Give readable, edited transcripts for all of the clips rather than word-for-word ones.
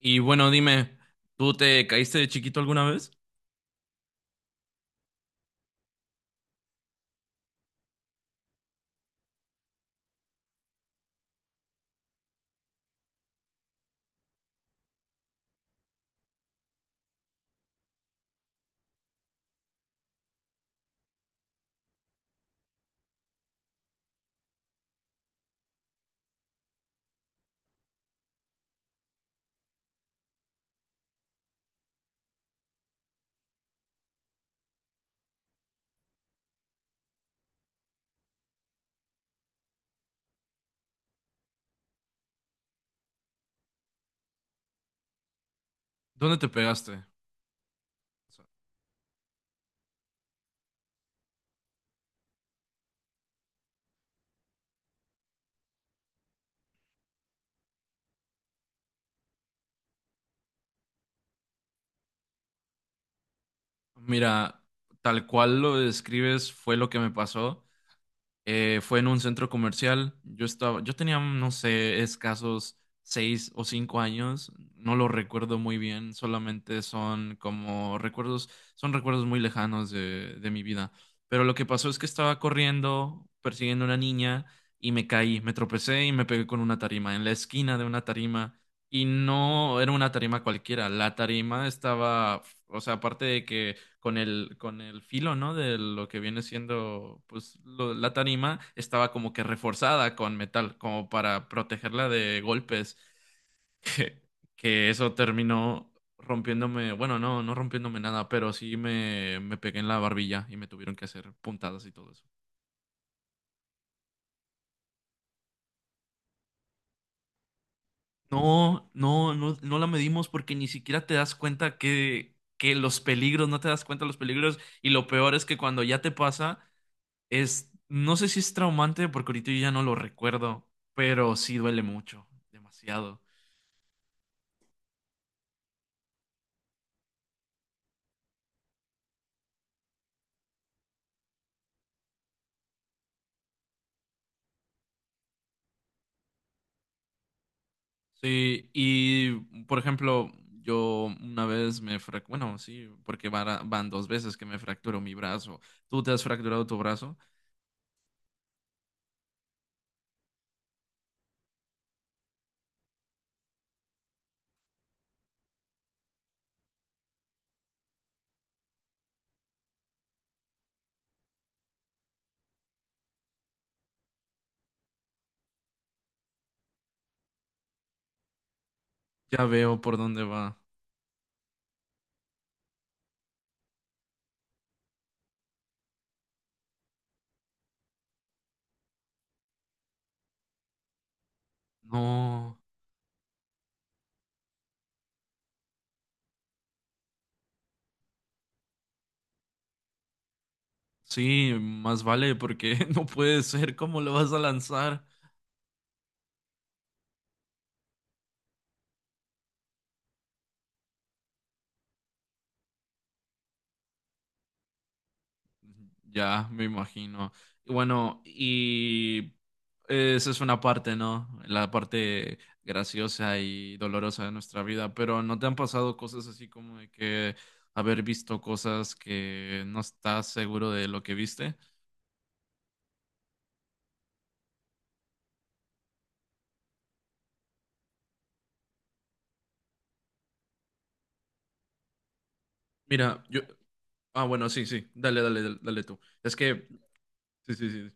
Y bueno, dime, ¿tú te caíste de chiquito alguna vez? ¿Dónde te pegaste? O sea, mira, tal cual lo describes fue lo que me pasó. Fue en un centro comercial. Yo tenía, no sé, escasos 6 o 5 años. No lo recuerdo muy bien. Solamente son como recuerdos, son recuerdos muy lejanos de mi vida. Pero lo que pasó es que estaba corriendo, persiguiendo a una niña y me caí, me tropecé y me pegué con una tarima en la esquina de una tarima. Y no era una tarima cualquiera. La tarima estaba, o sea, aparte de que con el filo, ¿no? De lo que viene siendo, pues, la tarima estaba como que reforzada con metal, como para protegerla de golpes, que, que eso terminó rompiéndome, bueno, no, no rompiéndome nada, pero sí me pegué en la barbilla y me tuvieron que hacer puntadas y todo eso. No, no, no, no la medimos porque ni siquiera te das cuenta que los peligros, no te das cuenta de los peligros y lo peor es que cuando ya te pasa. No sé si es traumante porque ahorita yo ya no lo recuerdo, pero sí duele mucho, demasiado. Sí, y por ejemplo, yo una vez bueno, sí, porque van dos veces que me fracturo mi brazo. ¿Tú te has fracturado tu brazo? Ya veo por dónde va. No, sí, más vale porque no puede ser, ¿cómo lo vas a lanzar? Ya, me imagino. Y bueno, y esa es una parte, ¿no? La parte graciosa y dolorosa de nuestra vida, pero ¿no te han pasado cosas así como de que haber visto cosas que no estás seguro de lo que viste? Mira, yo. Ah, bueno, sí, sí, dale, dale, dale, dale tú. Es que. Sí, sí, sí.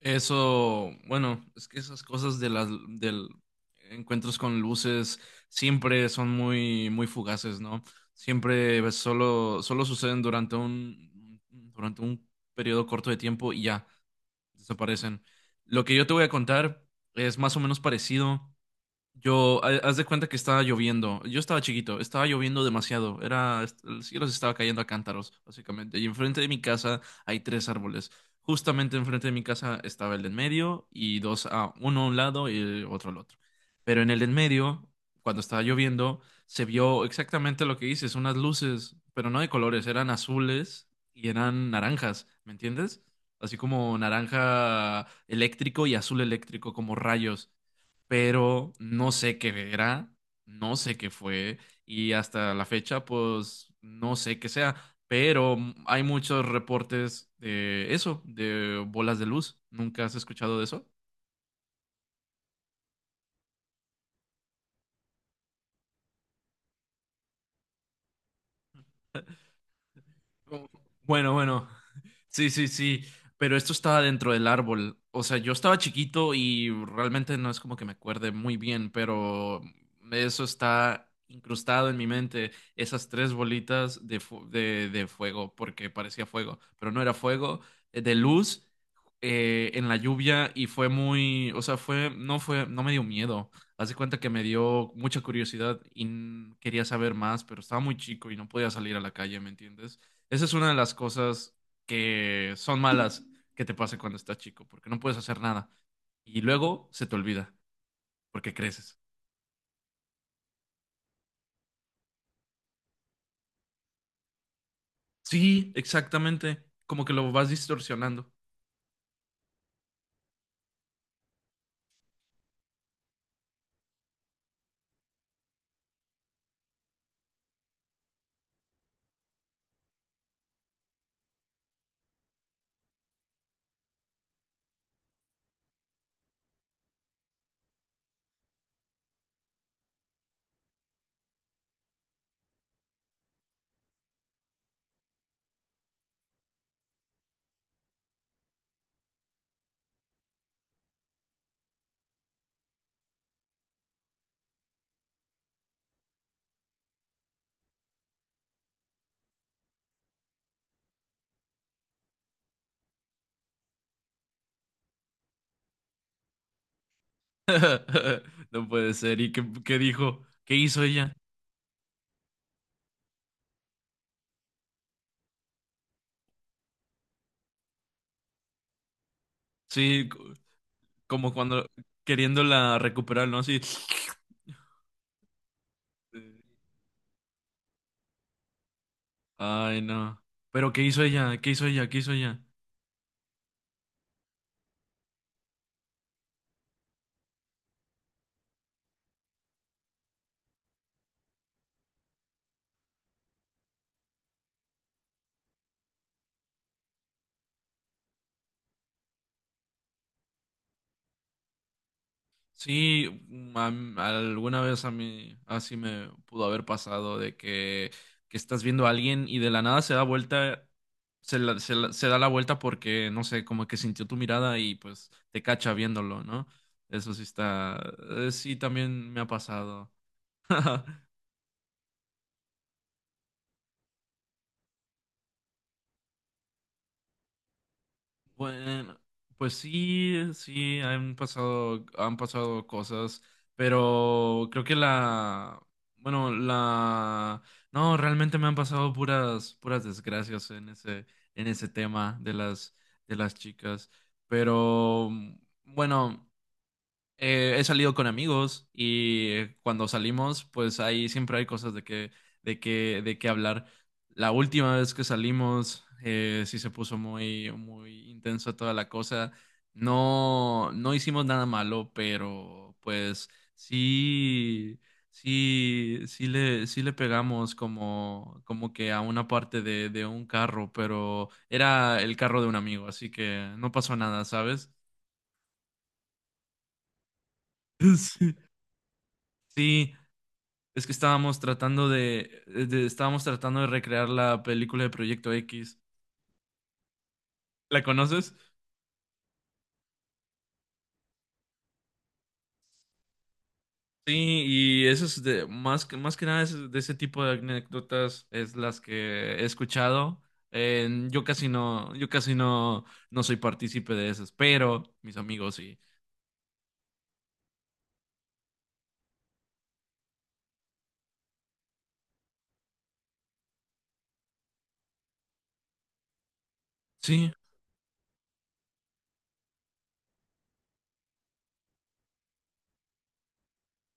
Eso, bueno, es que esas cosas de las del encuentros con luces siempre son muy muy fugaces, ¿no? Siempre solo suceden durante un periodo corto de tiempo y ya desaparecen. Lo que yo te voy a contar es más o menos parecido. Yo, haz de cuenta que estaba lloviendo. Yo estaba chiquito, estaba lloviendo demasiado. El cielo se estaba cayendo a cántaros, básicamente. Y enfrente de mi casa hay tres árboles. Justamente enfrente de mi casa estaba el de en medio y dos a uno a un lado y el otro al otro. Pero en el de en medio, cuando estaba lloviendo, se vio exactamente lo que dices, unas luces, pero no de colores, eran azules y eran naranjas, ¿me entiendes? Así como naranja eléctrico y azul eléctrico, como rayos, pero no sé qué era, no sé qué fue y hasta la fecha pues no sé qué sea, pero hay muchos reportes de eso, de bolas de luz. ¿Nunca has escuchado de eso? Bueno, bueno. Sí, sí, sí, pero esto estaba dentro del árbol. O sea, yo estaba chiquito y realmente no es como que me acuerde muy bien, pero eso está incrustado en mi mente, esas tres bolitas de fuego, porque parecía fuego, pero no era fuego, de luz, en la lluvia y fue muy, o sea, fue, no me dio miedo. Haz de cuenta que me dio mucha curiosidad y quería saber más, pero estaba muy chico y no podía salir a la calle, ¿me entiendes? Esa es una de las cosas que son malas que te pase cuando estás chico, porque no puedes hacer nada. Y luego se te olvida, porque creces. Sí, exactamente. Como que lo vas distorsionando. No puede ser. ¿Y qué dijo? ¿Qué hizo ella? Sí, como cuando queriéndola recuperar, ¿no? Así. Ay, no. Pero ¿qué hizo ella? ¿Qué hizo ella? ¿Qué hizo ella? Sí, mm, a alguna vez a mí así me pudo haber pasado de que estás viendo a alguien y de la nada se da vuelta, se da la vuelta porque, no sé, como que sintió tu mirada y pues te cacha viéndolo, ¿no? Eso sí está, sí también me ha pasado. Bueno, pues sí, sí, han pasado cosas, pero creo que bueno, no, realmente me han pasado puras desgracias en ese tema de las chicas, pero bueno he salido con amigos y cuando salimos, pues ahí siempre hay cosas de que hablar. La última vez que salimos, sí se puso muy, muy intensa toda la cosa. No, no hicimos nada malo, pero pues sí, sí, sí le pegamos como que a una parte de un carro, pero era el carro de un amigo, así que no pasó nada, ¿sabes? Sí. Sí, es que estábamos tratando de recrear la película de Proyecto X. ¿La conoces? Sí, y eso es de más que nada es de ese tipo de anécdotas es las que he escuchado. Yo casi no, no soy partícipe de esas, pero mis amigos sí. Sí,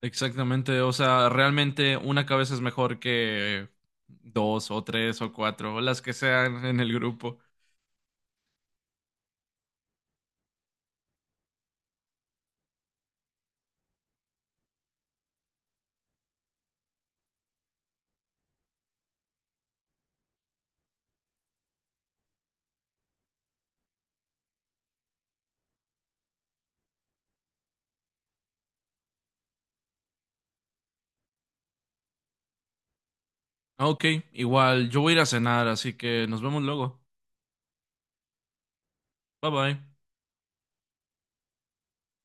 exactamente. O sea, realmente una cabeza es mejor que dos o tres o cuatro, o las que sean en el grupo. Ah, Ok, igual, yo voy a ir a cenar, así que nos vemos luego. Bye bye.